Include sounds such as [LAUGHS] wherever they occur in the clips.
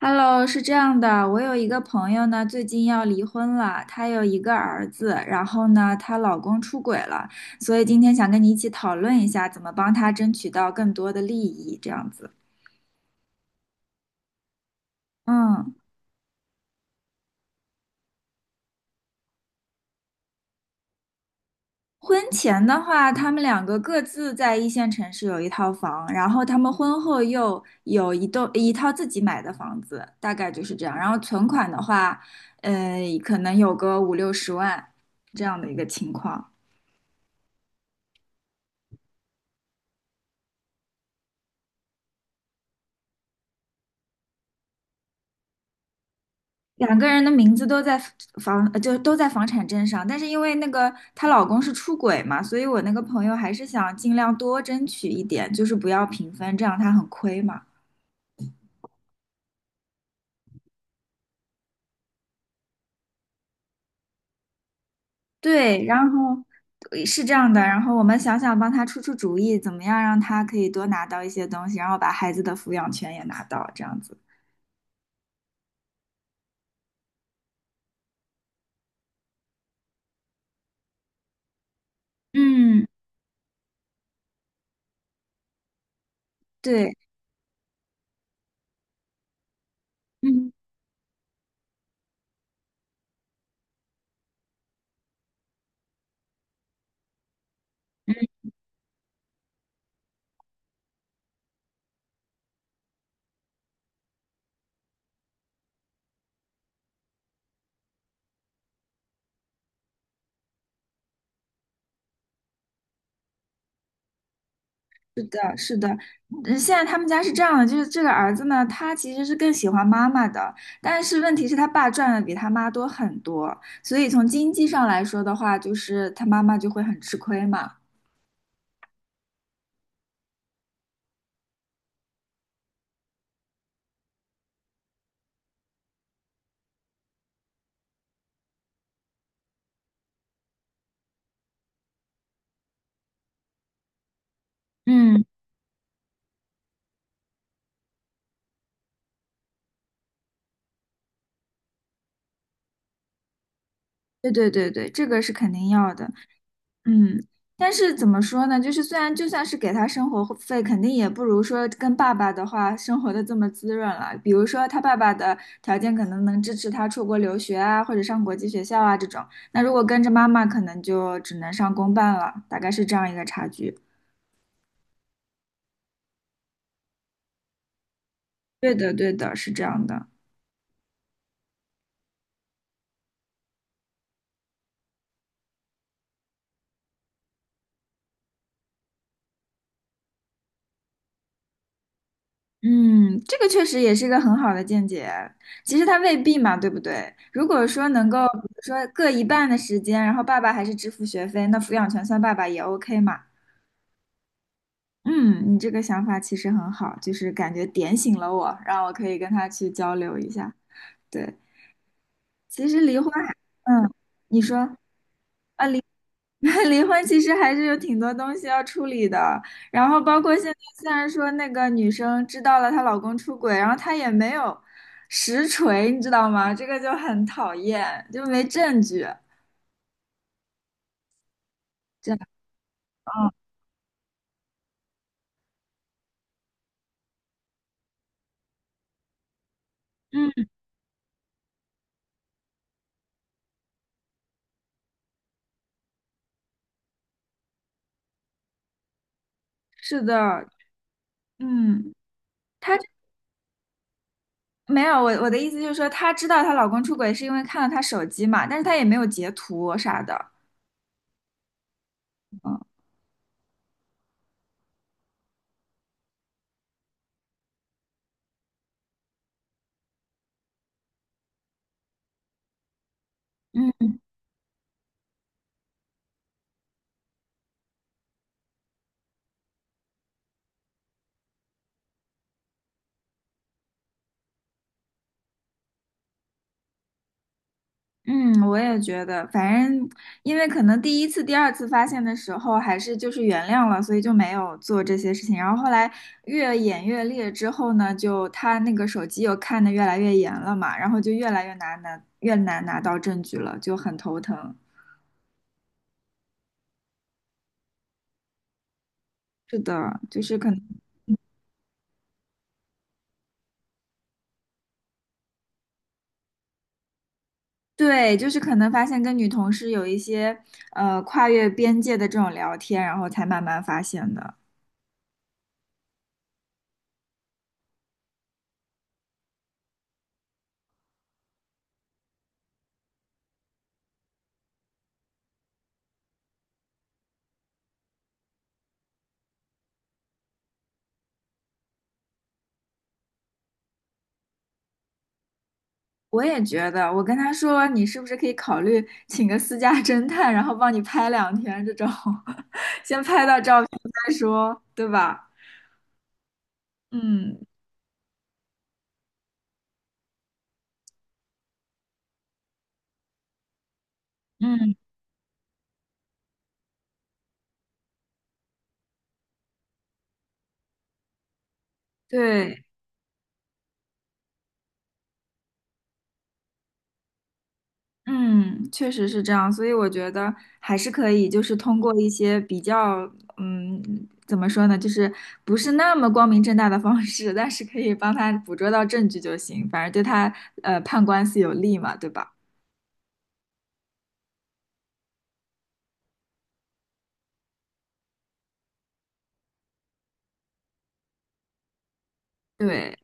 Hello，是这样的，我有一个朋友呢，最近要离婚了，她有一个儿子，然后呢，她老公出轨了，所以今天想跟你一起讨论一下，怎么帮她争取到更多的利益，这样子。嗯。婚前的话，他们两个各自在一线城市有一套房，然后他们婚后又有一栋一套自己买的房子，大概就是这样。然后存款的话，呃，可能有个50、60万这样的一个情况。两个人的名字都在就都在房产证上，但是因为那个她老公是出轨嘛，所以我那个朋友还是想尽量多争取一点，就是不要平分，这样她很亏嘛。对，然后是这样的，然后我们想想帮她出出主意，怎么样让她可以多拿到一些东西，然后把孩子的抚养权也拿到，这样子。嗯，对，嗯。嗯，现在他们家是这样的，就是这个儿子呢，他其实是更喜欢妈妈的，但是问题是他爸赚的比他妈多很多，所以从经济上来说的话，就是他妈妈就会很吃亏嘛。嗯，对对对对，这个是肯定要的。嗯，但是怎么说呢？就是虽然就算是给他生活费，肯定也不如说跟爸爸的话生活的这么滋润了。比如说他爸爸的条件可能能支持他出国留学啊，或者上国际学校啊这种。那如果跟着妈妈，可能就只能上公办了，大概是这样一个差距。对的，对的，是这样的。嗯，这个确实也是一个很好的见解。其实他未必嘛，对不对？如果说能够，比如说各一半的时间，然后爸爸还是支付学费，那抚养权算爸爸也 OK 嘛。嗯，你这个想法其实很好，就是感觉点醒了我，让我可以跟他去交流一下。对，其实离婚还，嗯，你说啊，离 [LAUGHS] 离婚其实还是有挺多东西要处理的。然后包括现在，虽然说那个女生知道了她老公出轨，然后她也没有实锤，你知道吗？这个就很讨厌，就没证据。这样，嗯，是的，嗯。没有，我的意思就是说，她知道她老公出轨是因为看了她手机嘛，但是她也没有截图啥的。嗯嗯嗯，我也觉得，反正因为可能第一次、第二次发现的时候，还是就是原谅了，所以就没有做这些事情。然后后来越演越烈之后呢，就她那个手机又看得越来越严了嘛，然后就越来越难拿，越难拿到证据了，就很头疼。是的，就是可能。对，就是可能发现跟女同事有一些跨越边界的这种聊天，然后才慢慢发现的。我也觉得，我跟他说你是不是可以考虑请个私家侦探，然后帮你拍两天这种，[LAUGHS] 先拍到照片再说，对吧？嗯嗯，对，嗯，确实是这样，所以我觉得还是可以，就是通过一些比较，嗯，怎么说呢，就是不是那么光明正大的方式，但是可以帮他捕捉到证据就行，反正对他判官司有利嘛，对吧？对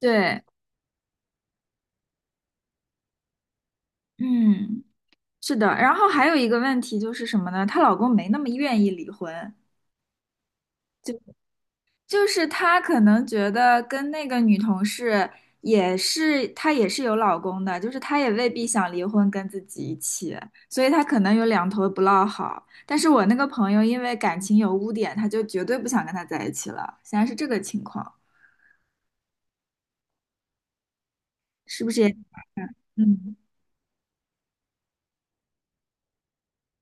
对，嗯，是的。然后还有一个问题就是什么呢？她老公没那么愿意离婚。就是他可能觉得跟那个女同事也是，她也是有老公的，就是她也未必想离婚跟自己一起，所以她可能有两头不落好。但是我那个朋友因为感情有污点，他就绝对不想跟他在一起了，现在是这个情况，是不是也？嗯。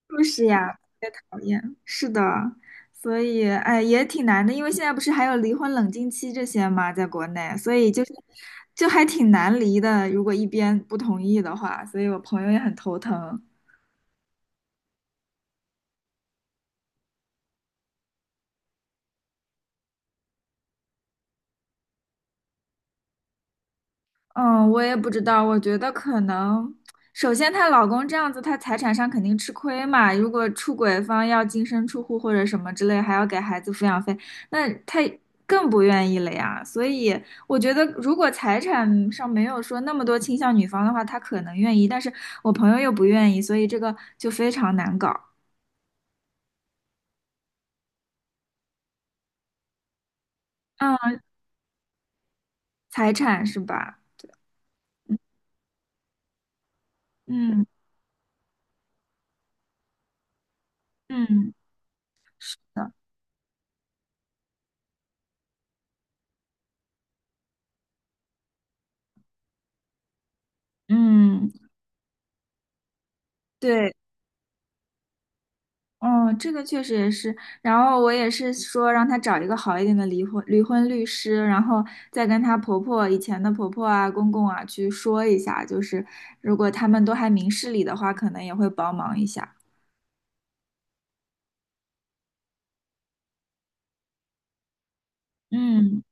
就是呀，特别讨厌。是的，所以哎，也挺难的，因为现在不是还有离婚冷静期这些嘛，在国内，所以就是就还挺难离的。如果一边不同意的话，所以我朋友也很头疼。嗯，我也不知道，我觉得可能，首先她老公这样子，她财产上肯定吃亏嘛。如果出轨方要净身出户或者什么之类，还要给孩子抚养费，那她更不愿意了呀。所以我觉得，如果财产上没有说那么多倾向女方的话，她可能愿意，但是我朋友又不愿意，所以这个就非常难搞。嗯，财产是吧？嗯嗯，嗯是的，嗯，对。嗯，这个确实也是。然后我也是说让她找一个好一点的离婚律师，然后再跟她婆婆以前的婆婆啊、公公啊去说一下，就是如果他们都还明事理的话，可能也会帮忙一下。嗯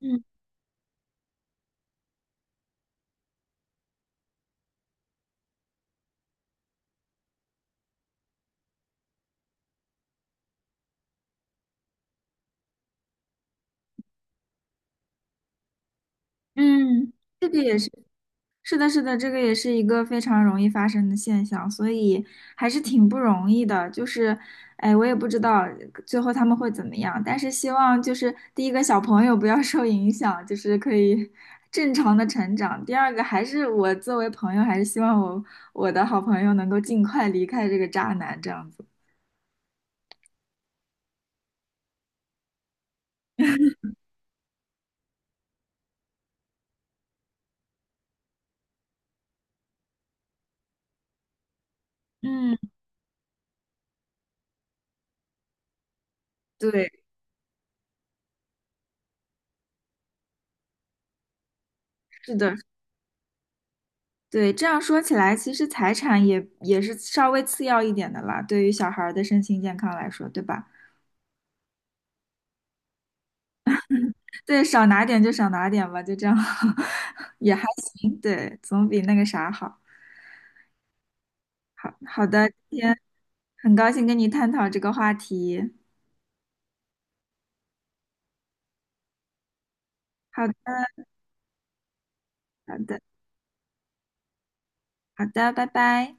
嗯嗯，这个也是。是的，是的，这个也是一个非常容易发生的现象，所以还是挺不容易的。就是，哎，我也不知道最后他们会怎么样，但是希望就是第一个小朋友不要受影响，就是可以正常的成长。第二个还是我作为朋友，还是希望我的好朋友能够尽快离开这个渣男这样子。嗯，对，是的，对。这样说起来，其实财产也是稍微次要一点的啦，对于小孩儿的身心健康来说，对吧？对，少拿点就少拿点吧，就这样，[LAUGHS] 也还行，对，总比那个啥好。好好的，今天很高兴跟你探讨这个话题。好的，好的，好的，拜拜。